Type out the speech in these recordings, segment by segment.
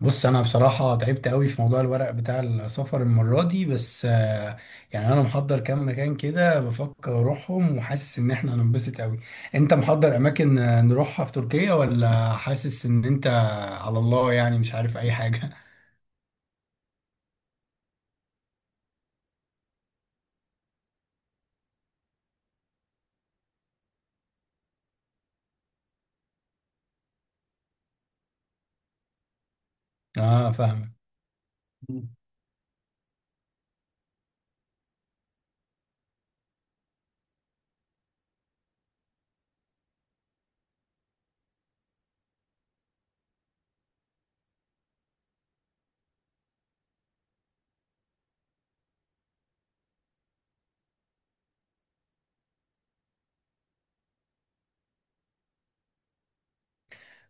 بص، انا بصراحه تعبت قوي في موضوع الورق بتاع السفر المره دي بس يعني انا محضر كام مكان كده بفكر اروحهم وحاسس ان احنا هننبسط قوي. انت محضر اماكن نروحها في تركيا ولا حاسس ان انت على الله يعني مش عارف اي حاجه؟ اه، فاهمك. مم.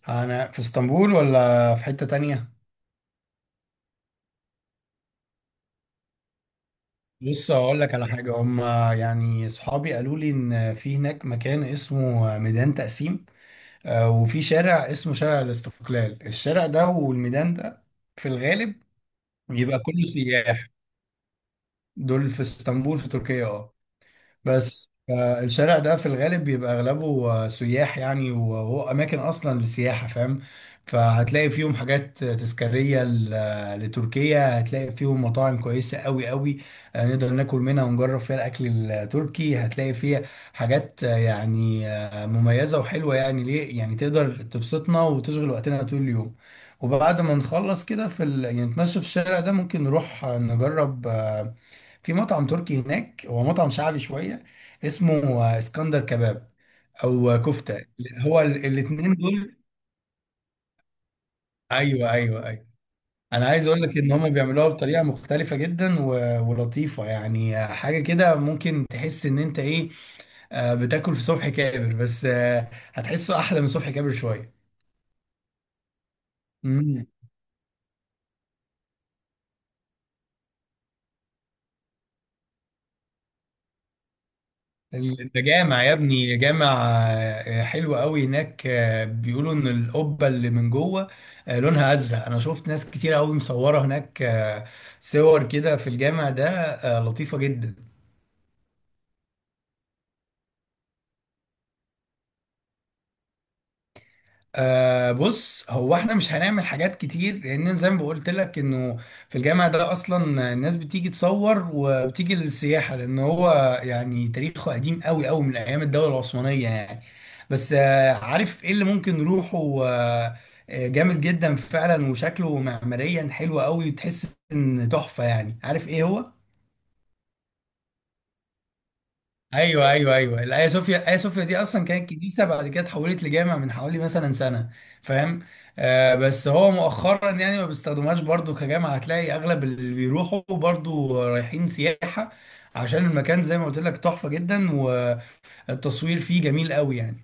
انا في اسطنبول ولا في حتة تانية؟ بص، اقول لك على حاجة. هم يعني صحابي قالوا لي ان في هناك مكان اسمه ميدان تقسيم، وفي شارع اسمه شارع الاستقلال. الشارع ده والميدان ده في الغالب بيبقى كله سياح. دول في اسطنبول في تركيا، اه. بس الشارع ده في الغالب بيبقى اغلبه سياح يعني، وهو اماكن اصلا للسياحه، فاهم. فهتلاقي فيهم حاجات تذكاريه لتركيا. هتلاقي فيهم مطاعم كويسه قوي قوي نقدر ناكل منها ونجرب فيها الاكل التركي. هتلاقي فيها حاجات مميزه وحلوه يعني، ليه يعني تقدر تبسطنا وتشغل وقتنا طول اليوم. وبعد ما نخلص كده يعني نتمشى في الشارع ده، ممكن نروح نجرب في مطعم تركي هناك. هو مطعم شعبي شوية اسمه اسكندر كباب او كفتة. هو الاتنين دول. ايوه، ايوه، ايوه، انا عايز اقول لك ان هم بيعملوها بطريقة مختلفة جدا و- ولطيفة يعني. حاجة كده ممكن تحس ان انت ايه، بتاكل في صبح كابر بس هتحسه احلى من صبح كابر شوية. مم. انت جامع يا ابني جامع. حلو قوي هناك. بيقولوا ان القبه اللي من جوه لونها ازرق. انا شفت ناس كتير قوي مصوره هناك صور كده في الجامع ده لطيفه جدا. بص، هو احنا مش هنعمل حاجات كتير لان زي ما قلت لك انه في الجامعة ده اصلا الناس بتيجي تصور وبتيجي للسياحة، لان هو يعني تاريخه قديم قوي قوي من ايام الدولة العثمانية يعني. بس عارف ايه اللي ممكن نروحه جامد جدا فعلا وشكله معماريا حلو قوي وتحس ان تحفة، يعني عارف ايه هو. ايوه، ايوه، ايوه، الايا صوفيا. ايا صوفيا دي اصلا كانت كنيسه، بعد كده اتحولت لجامع من حوالي مثلا سنه، فاهم. بس هو مؤخرا يعني ما بيستخدموهاش برضو كجامع. هتلاقي اغلب اللي بيروحوا برضو رايحين سياحه عشان المكان زي ما قلت لك تحفه جدا والتصوير فيه جميل قوي يعني.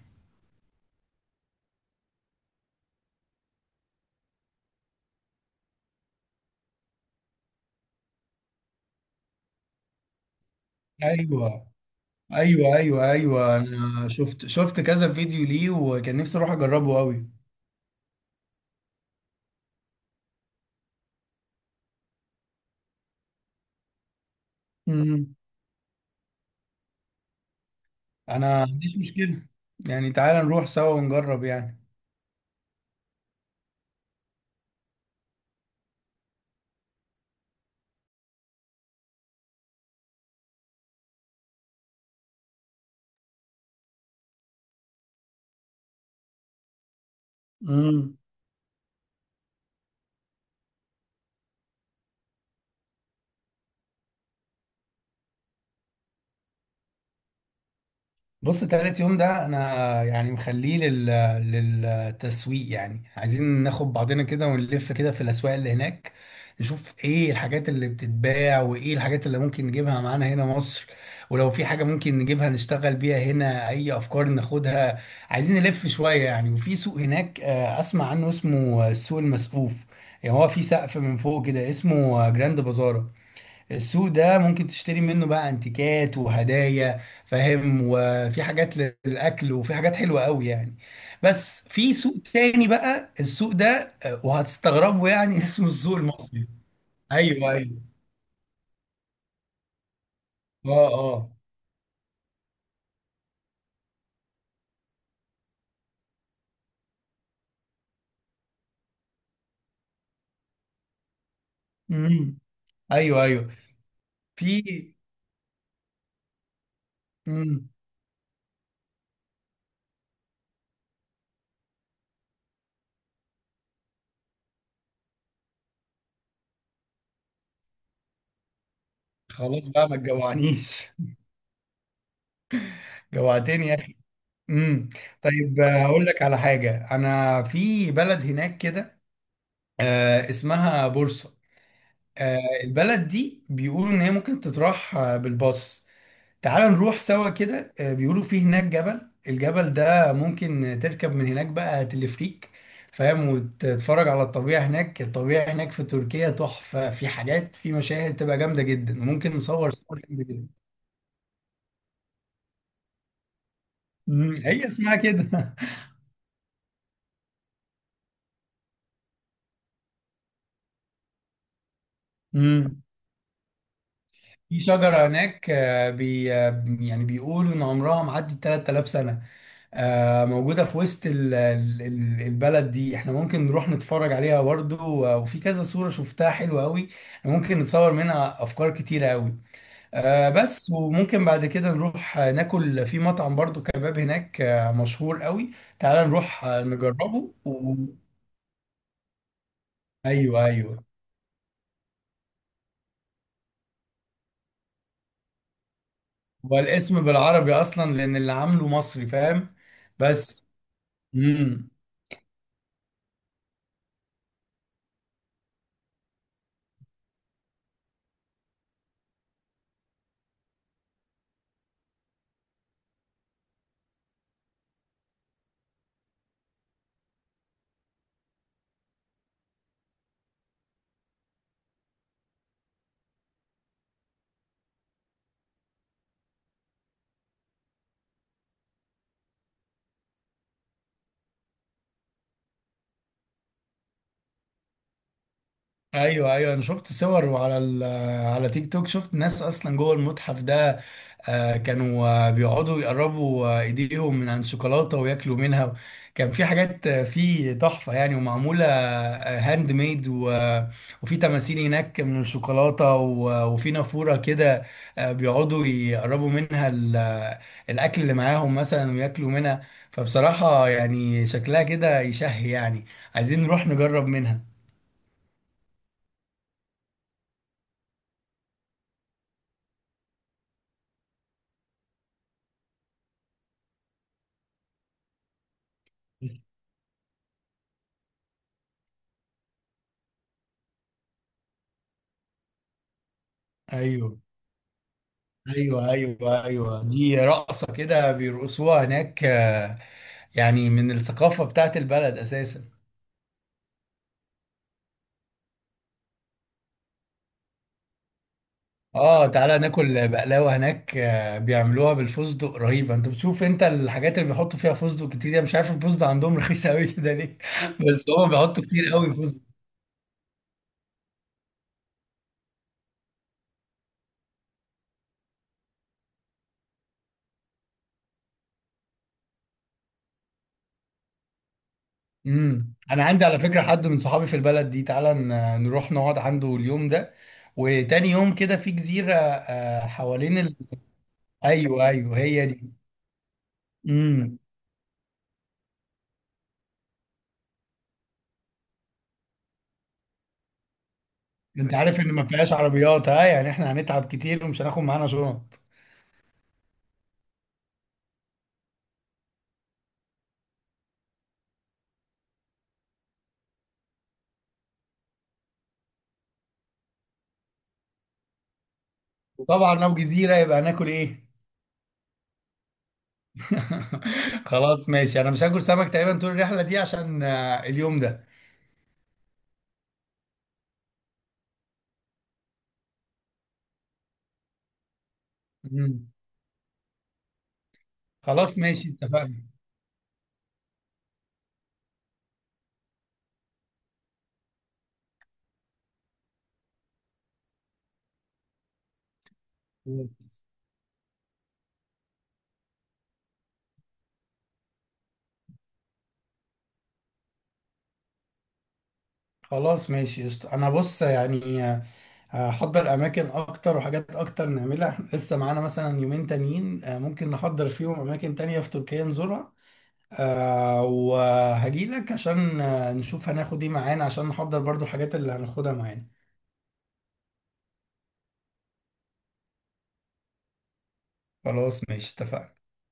ايوه، ايوه، ايوه، ايوه، انا شفت كذا فيديو ليه وكان نفسي اروح اجربه قوي. امم انا ما عنديش مشكله يعني. تعال نروح سوا ونجرب يعني. مم. بص، تالت يوم ده انا يعني مخليه للتسويق يعني. عايزين ناخد بعضنا كده ونلف كده في الاسواق اللي هناك، نشوف ايه الحاجات اللي بتتباع وايه الحاجات اللي ممكن نجيبها معانا هنا مصر، ولو في حاجة ممكن نجيبها نشتغل بيها هنا اي افكار ناخدها. عايزين نلف شوية يعني. وفي سوق هناك اسمع عنه اسمه السوق المسقوف. يعني هو في سقف من فوق كده اسمه جراند بازار. السوق ده ممكن تشتري منه بقى انتيكات وهدايا، فاهم، وفي حاجات للاكل وفي حاجات حلوه قوي يعني. بس في سوق تاني بقى، السوق ده وهتستغربوا يعني اسمه السوق المصري. ايوه، ايوه. اه، اه. امم. ايوه، ايوه. في امم خلاص بقى ما تجوعنيش. جوعتني يا اخي. امم. طيب، هقول لك على حاجه. انا في بلد هناك كده اسمها بورصه. البلد دي بيقولوا ان هي ممكن تتراح بالباص. تعال نروح سوا كده. بيقولوا في هناك جبل. الجبل ده ممكن تركب من هناك بقى تلفريك، فاهم، وتتفرج على الطبيعة هناك. الطبيعة هناك في تركيا تحفة، في حاجات، في مشاهد تبقى جامدة جدا وممكن نصور صور جامدة جدا. هي اسمها كده. مم. في شجرة هناك آه، بي آه، يعني بيقولوا ان عمرها معدي 3000 سنة. موجودة في وسط البلد دي. احنا ممكن نروح نتفرج عليها برضه، و- وفي كذا صورة شفتها حلوة قوي. ممكن نتصور منها أفكار كتيرة قوي بس. وممكن بعد كده نروح ناكل في مطعم برضه كباب هناك مشهور قوي. تعال نروح نجربه. أيوه، أيوه. والاسم بالعربي أصلا لأن اللي عامله مصري، فاهم. بس. مم. ايوه، ايوه، انا شفت صور وعلى على تيك توك شفت ناس اصلا جوه المتحف ده. كانوا بيقعدوا يقربوا ايديهم من عن شوكولاته وياكلوا منها. كان في حاجات في تحفه يعني ومعموله هاند ميد، وفي تماثيل هناك من الشوكولاته و- وفي نافوره كده بيقعدوا يقربوا منها الاكل اللي معاهم مثلا وياكلوا منها. فبصراحه يعني شكلها كده يشهي يعني. عايزين نروح نجرب منها. ايوه، ايوه، ايوه، ايوه، دي رقصه كده بيرقصوها هناك يعني من الثقافه بتاعت البلد اساسا. اه، تعالى ناكل بقلاوه هناك. بيعملوها بالفستق رهيبه. انت بتشوف انت الحاجات اللي بيحطوا فيها فستق كتير. انا مش عارف الفستق عندهم رخيص قوي كده ليه بس هم بيحطوا كتير قوي فستق. انا عندي على فكره حد من صحابي في البلد دي. تعالى نروح نقعد عنده اليوم ده، وتاني يوم كده في جزيره حوالين. ايوه، ايوه، هي دي. امم انت عارف ان ما فيهاش عربيات، ها، يعني احنا هنتعب كتير ومش هناخد معانا شنط. وطبعا لو جزيره يبقى هناكل ايه؟ خلاص، ماشي. انا مش هاكل سمك تقريبا طول الرحله دي عشان اليوم ده. مم. خلاص، ماشي، اتفقنا. خلاص، ماشي، قشطة. انا بص يعني هحضر اماكن اكتر وحاجات اكتر نعملها. إحنا لسه معانا مثلا يومين تانيين ممكن نحضر فيهم اماكن تانية في تركيا نزورها. وهجي لك عشان نشوف هناخد ايه معانا عشان نحضر برضو الحاجات اللي هناخدها معانا. خلاص، ماشي، اتفقنا.